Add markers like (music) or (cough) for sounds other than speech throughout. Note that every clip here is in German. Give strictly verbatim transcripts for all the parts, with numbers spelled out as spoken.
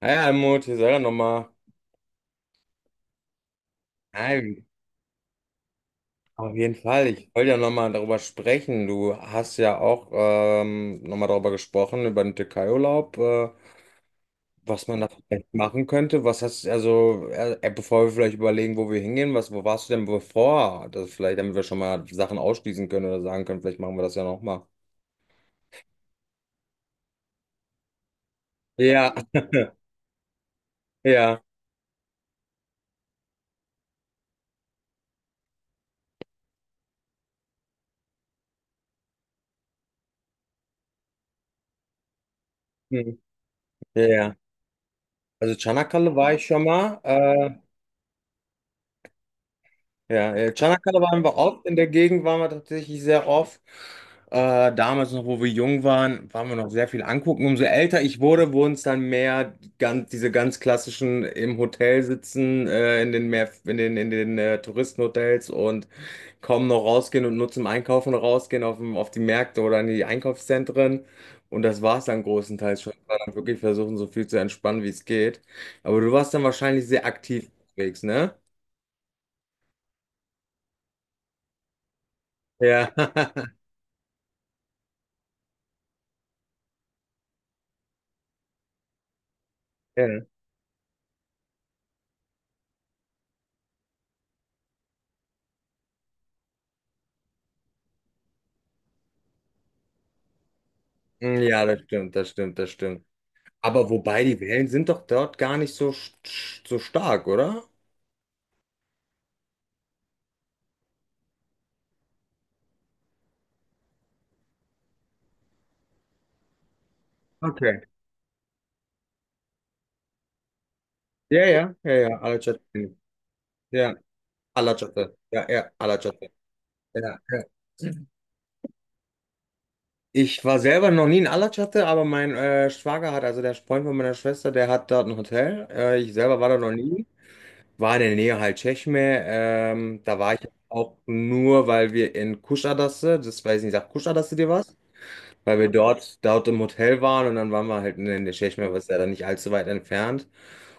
Naja, Almut, wir sollen ja nochmal. Nein, auf jeden Fall. Ich wollte ja nochmal darüber sprechen. Du hast ja auch ähm, nochmal darüber gesprochen, über den Türkei-Urlaub, äh, was man da vielleicht machen könnte. Was hast also, äh, äh, bevor wir vielleicht überlegen, wo wir hingehen, was, wo warst du denn bevor? Das vielleicht, damit wir schon mal Sachen ausschließen können oder sagen können, vielleicht machen wir das ja nochmal. Ja, ja, hm, ja. Ja. Also Çanakkale war ich schon mal. äh, Ja, ja, Tschanakala waren wir oft, in der Gegend waren wir tatsächlich sehr oft. Äh, damals noch, wo wir jung waren, waren wir noch sehr viel angucken. Umso älter ich wurde, wurden es dann mehr ganz, diese ganz klassischen im Hotel sitzen, äh, in den mehr, in den, in den äh, Touristenhotels und kaum noch rausgehen und nur zum Einkaufen rausgehen auf, dem- auf die Märkte oder in die Einkaufszentren. Und das war es dann großenteils schon. Ich war dann wirklich versuchen, so viel zu entspannen, wie es geht. Aber du warst dann wahrscheinlich sehr aktiv unterwegs, ne? Ja. (laughs) Ja. Ja, das stimmt, das stimmt, das stimmt. Aber wobei, die Wellen sind doch dort gar nicht so, st- so stark, oder? Okay. Ja, ja, ja, ja, Alacate. Ja, Alacate. Ja, ja, Alacate. Ja, ja. Ich war selber noch nie in Alacate, aber mein äh, Schwager hat, also der Freund von meiner Schwester, der hat dort ein Hotel. Äh, ich selber war da noch nie. War in der Nähe halt Tschechme. Ähm, da war ich auch nur, weil wir in Kuschadasse, das weiß ich nicht, sagt Kuschadasse dir was? Weil wir dort, dort im Hotel waren und dann waren wir halt in der Tschechei, was ja dann nicht allzu weit entfernt.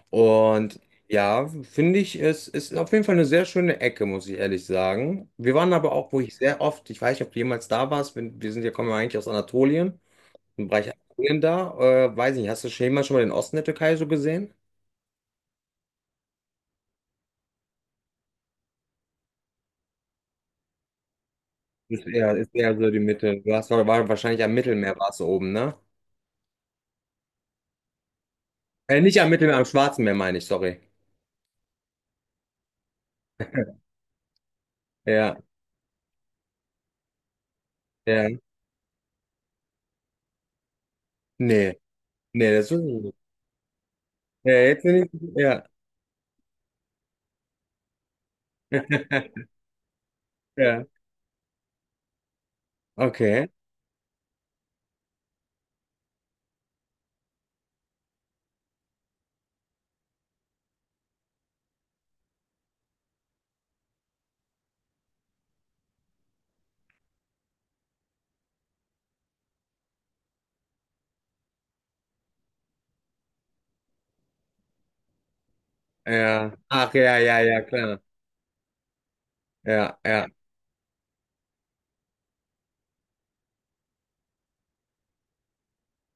Und ja, finde ich, es ist auf jeden Fall eine sehr schöne Ecke, muss ich ehrlich sagen. Wir waren aber auch, wo ich sehr oft, ich weiß nicht, ob du jemals da warst, wir, wir sind ja, kommen ja eigentlich aus Anatolien, im Bereich Anatolien da. Äh, weiß nicht, hast du schon jemals schon mal den Osten der Türkei so gesehen? Ist eher, ist eher so die Mitte. Du hast, war, war wahrscheinlich am Mittelmeer warst du oben, ne? Äh, nicht am Mittelmeer, am Schwarzen Meer meine ich, sorry. Ja, ja. Nee, nee, das ist. Ja, jetzt bin ich. Ja. (laughs) Ja, okay. Ja. Ach ja, ja, ja, klar. Ja, ja,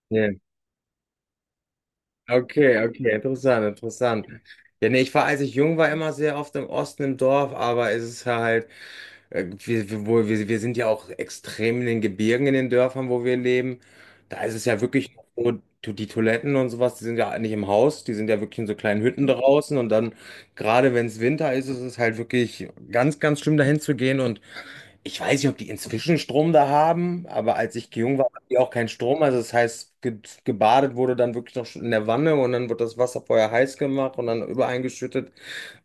ja. Okay, okay, interessant, interessant. Ja, nee, ich war, als ich jung war, immer sehr oft im Osten im Dorf, aber es ist halt, äh, wir, wir, wo- wir wir sind ja auch extrem in den Gebirgen, in den Dörfern, wo wir leben. Da ist es ja wirklich so, du- die Toiletten und sowas, die sind ja nicht im Haus, die sind ja wirklich in so kleinen Hütten draußen, und dann, gerade wenn es Winter ist, ist es halt wirklich ganz, ganz schlimm, dahin zu gehen. Und ich weiß nicht, ob die inzwischen Strom da haben, aber als ich jung war, hatten die auch keinen Strom. Also das heißt, ge gebadet wurde dann wirklich noch in der Wanne und dann wird das Wasser vorher heiß gemacht und dann übereingeschüttet.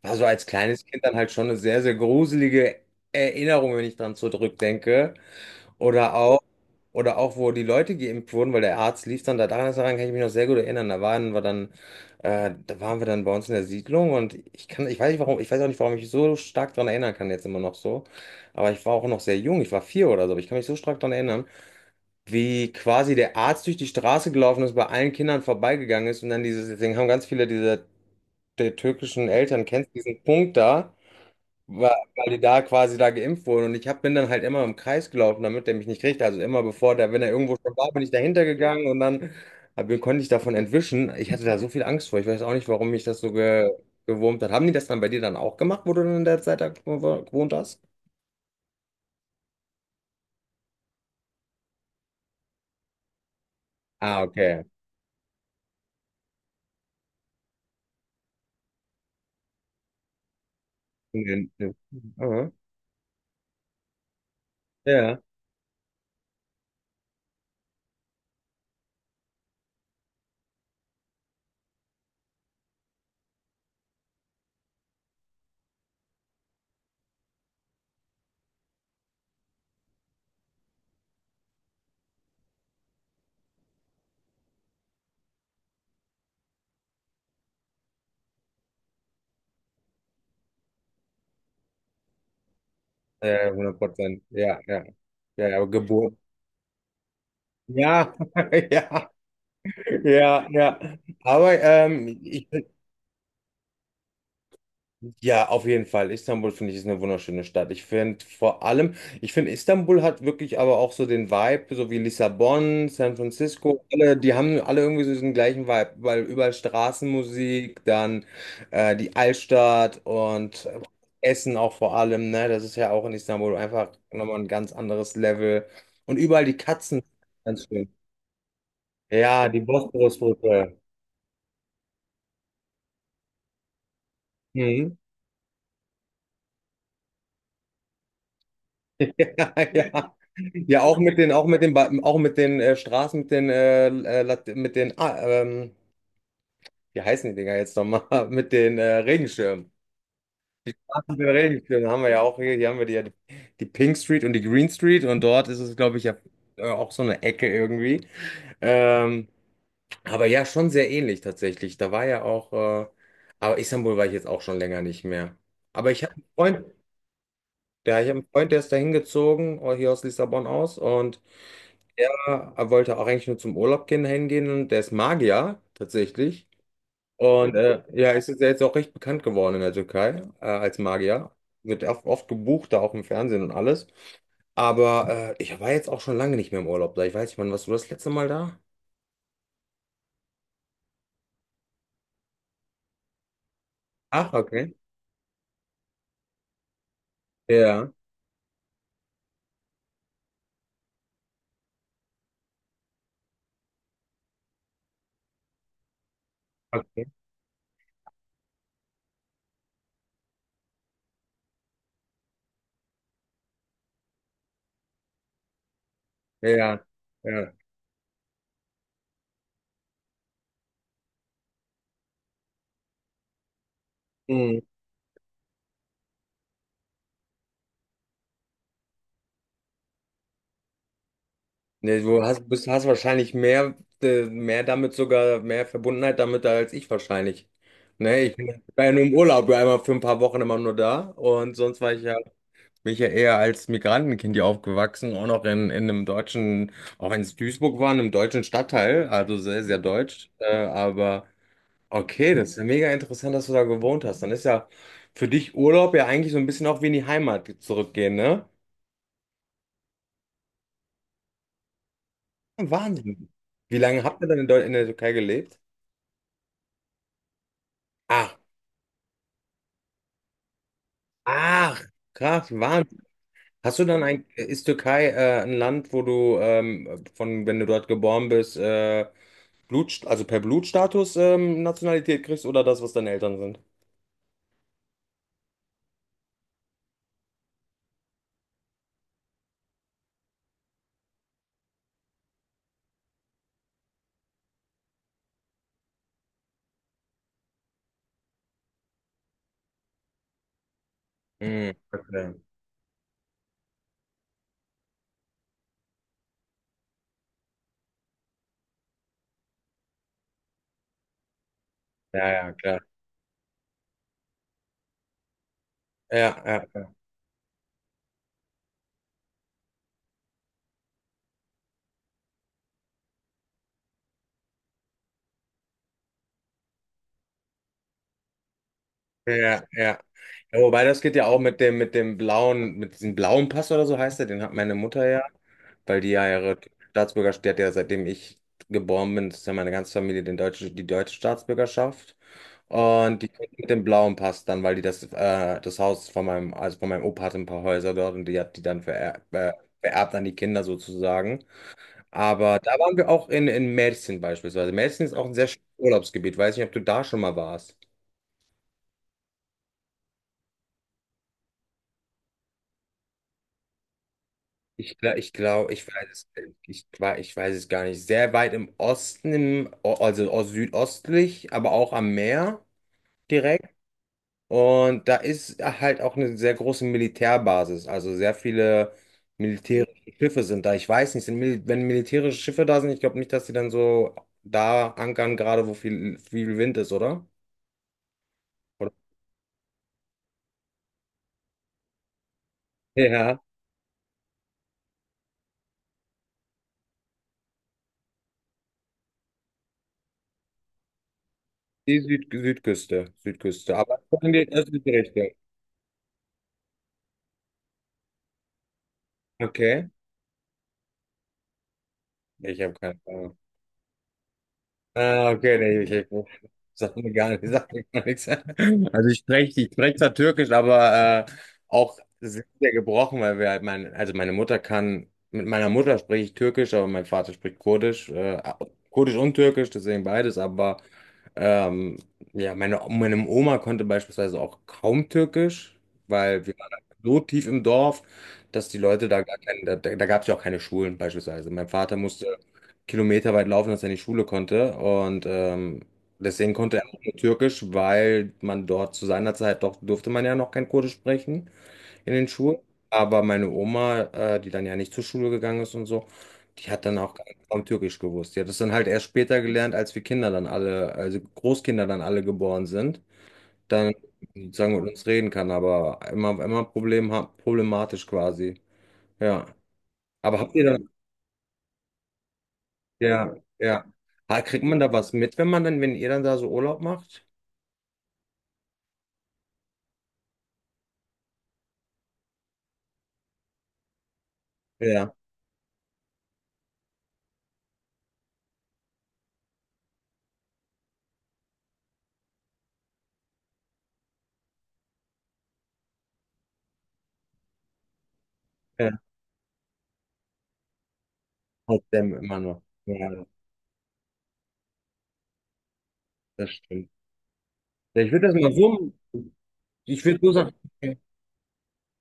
War so als kleines Kind dann halt schon eine sehr, sehr gruselige Erinnerung, wenn ich dran zurückdenke. Oder auch. Oder auch, wo die Leute geimpft wurden, weil der Arzt lief dann da dran, daran kann ich mich noch sehr gut erinnern. Da waren wir dann, äh, da waren wir dann bei uns in der Siedlung und ich kann, ich weiß nicht warum, ich weiß auch nicht, warum ich mich so stark daran erinnern kann jetzt immer noch so. Aber ich war auch noch sehr jung, ich war vier oder so, aber ich kann mich so stark daran erinnern, wie quasi der Arzt durch die Straße gelaufen ist, bei allen Kindern vorbeigegangen ist und dann dieses, deswegen haben ganz viele dieser der türkischen Eltern, kennst du diesen Punkt da? Wa- weil die da quasi da geimpft wurden. Und ich hab, bin dann halt immer im Kreis gelaufen, damit der mich nicht kriegt. Also immer bevor der, wenn er irgendwo schon war, bin ich dahinter gegangen und dann hab, konnte ich davon entwischen. Ich hatte da so viel Angst vor. Ich weiß auch nicht, warum mich das so ge gewurmt hat. Haben die das dann bei dir dann auch gemacht, wo du dann in der Zeit da gewo- gewohnt hast? Ah, okay. Mhm. Mhm. Ja, ja, hundert Prozent. Ja, ja, ja, ja, Geburt. Ja, (laughs) ja, ja, ja. Aber ähm, ich. Ja, auf jeden Fall. Istanbul finde ich ist eine wunderschöne Stadt. Ich finde vor allem, ich finde Istanbul hat wirklich aber auch so den Vibe, so wie Lissabon, San Francisco, alle, die haben alle irgendwie so diesen gleichen Vibe, weil überall Straßenmusik, dann äh, die Altstadt und Essen auch vor allem, ne? Das ist ja auch in Istanbul einfach nochmal ein ganz anderes Level. Und überall die Katzen, ganz schön. Ja, die Bosporusbrücke. Mhm. (laughs) Ja, ja. Ja, auch mit den, auch mit den, Ba- auch mit den äh, Straßen, mit den, äh, äh, Lat- mit den, ah, ähm, wie heißen die Dinger jetzt nochmal? (laughs) Mit den äh, Regenschirmen. Ach, mit den Regenschirmen haben wir ja auch hier, hier haben wir die, ja die, die Pink Street und die Green Street und dort ist es, glaube ich, ja äh, auch so eine Ecke irgendwie. Ähm, aber ja, schon sehr ähnlich tatsächlich. Da war ja auch, äh, aber Istanbul war ich jetzt auch schon länger nicht mehr. Aber ich habe einen Freund, ja, ich habe einen Freund, der ist da hingezogen, äh, hier aus Lissabon aus und der äh, wollte auch eigentlich nur zum Urlaub gehen, hingehen, und der ist Magier tatsächlich. Und äh, ja, ist jetzt jetzt auch recht bekannt geworden in der Türkei äh, als Magier. Wird oft, oft gebucht, da auch im Fernsehen und alles. Aber äh, ich war jetzt auch schon lange nicht mehr im Urlaub da. Ich weiß nicht, wann warst du das letzte Mal da? Ach, okay. Ja, okay. Ja, ja. Mhm. Ne, du hast, bist, hast wahrscheinlich mehr, äh, mehr damit sogar, mehr Verbundenheit damit als ich wahrscheinlich. Ne, ich bin- war ja nur im Urlaub, war einmal für ein paar Wochen immer nur da und sonst war ich ja, bin ich ja eher als Migrantenkind hier aufgewachsen, auch noch in, in einem deutschen, auch wenn es Duisburg war, in einem deutschen Stadtteil, also sehr, sehr deutsch. Äh, aber okay, das ist ja mega interessant, dass du da gewohnt hast. Dann ist ja für dich Urlaub ja eigentlich so ein bisschen auch wie in die Heimat zurückgehen, ne? Wahnsinn. Wie lange habt ihr dann in Deu- in der Türkei gelebt? Ah. Ach, krass, Wahnsinn. Hast du dann ein, ist Türkei äh, ein Land, wo du ähm, von, wenn du dort geboren bist, äh, Blut, also per Blutstatus ähm, Nationalität kriegst oder das, was deine Eltern sind? Mhm, okay. Ja, ja, klar. Ja, ja, ja, ja. Ja. Ja, wobei das geht ja auch mit dem, mit dem blauen, mit diesem blauen Pass oder so heißt der, den hat meine Mutter ja. Weil die ja ihre Staatsbürgerschaft, die hat ja seitdem ich geboren bin, das ist ja meine ganze Familie den deutsche, die deutsche Staatsbürgerschaft. Und die kriegt mit dem blauen Pass dann, weil die das, äh, das Haus von meinem, also von meinem Opa hatte ein paar Häuser dort und die hat die dann vererbt, äh, vererbt an die Kinder sozusagen. Aber da waren wir auch in, in Mädchen beispielsweise. Mädchen ist auch ein sehr schönes Urlaubsgebiet. Weiß nicht, ob du da schon mal warst. Ich, gla- ich glaube, ich weiß es, ich, wei- ich weiß es gar nicht. Sehr weit im Osten, im, o- also aus südöstlich, aber auch am Meer direkt. Und da ist halt auch eine sehr große Militärbasis. Also sehr viele militärische Schiffe sind da. Ich weiß nicht, sind, Mil- wenn militärische Schiffe da sind, ich glaube nicht, dass sie dann so da ankern, gerade wo viel, viel Wind ist, oder? Oder? Ja, die Süd Südküste, Südküste. Aber in die östliche Richtung. Okay. Ich habe keine Ahnung. Ah, okay, nee, ich, ich, sag mir gar nicht, sag mir gar nichts. Also ich spreche, ich spreche zwar Türkisch, aber äh, auch sehr, sehr gebrochen, weil wir halt mein, also meine Mutter kann, mit meiner Mutter spreche ich Türkisch, aber mein Vater spricht Kurdisch, äh, Kurdisch und Türkisch, deswegen beides, aber ähm, ja, meine, meine Oma konnte beispielsweise auch kaum Türkisch, weil wir waren halt so tief im Dorf, dass die Leute da gar keine, da, da gab es ja auch keine Schulen beispielsweise. Mein Vater musste Kilometer weit laufen, dass er in die Schule konnte. Und ähm, deswegen konnte er auch nur Türkisch, weil man dort zu seiner Zeit doch durfte man ja noch kein Kurdisch sprechen in den Schulen. Aber meine Oma, äh, die dann ja nicht zur Schule gegangen ist und so, die hat dann auch gar kaum Türkisch gewusst. Die hat es dann halt erst später gelernt, als wir Kinder dann alle, also Großkinder dann alle geboren sind, dann sozusagen mit uns reden kann, aber immer, immer Problem, problematisch quasi. Ja. Aber habt ihr dann ja, ja. Ah, kriegt man da was mit, wenn man dann, wenn ihr dann da so Urlaub macht? Ja, ja, aus dem immer noch. Ja, das stimmt. Ja, ich würde das mal so, ich würde so sagen,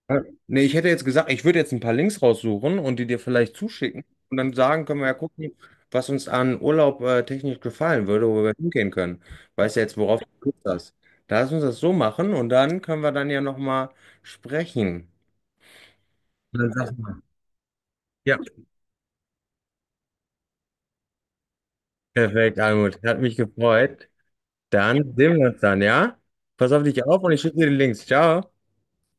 ja. Nee, ich hätte jetzt gesagt, ich würde jetzt ein paar Links raussuchen und die dir vielleicht zuschicken und dann sagen, können wir ja gucken, was uns an Urlaub äh, technisch gefallen würde, wo wir hingehen können. Weißt ja jetzt, worauf du Lust hast. Da lass uns das so machen und dann können wir dann ja nochmal sprechen. Dann sag mal. Ja, perfekt, Almut. Hat mich gefreut. Dann sehen wir uns dann, ja? Pass auf dich auf und ich schicke dir die Links. Ciao.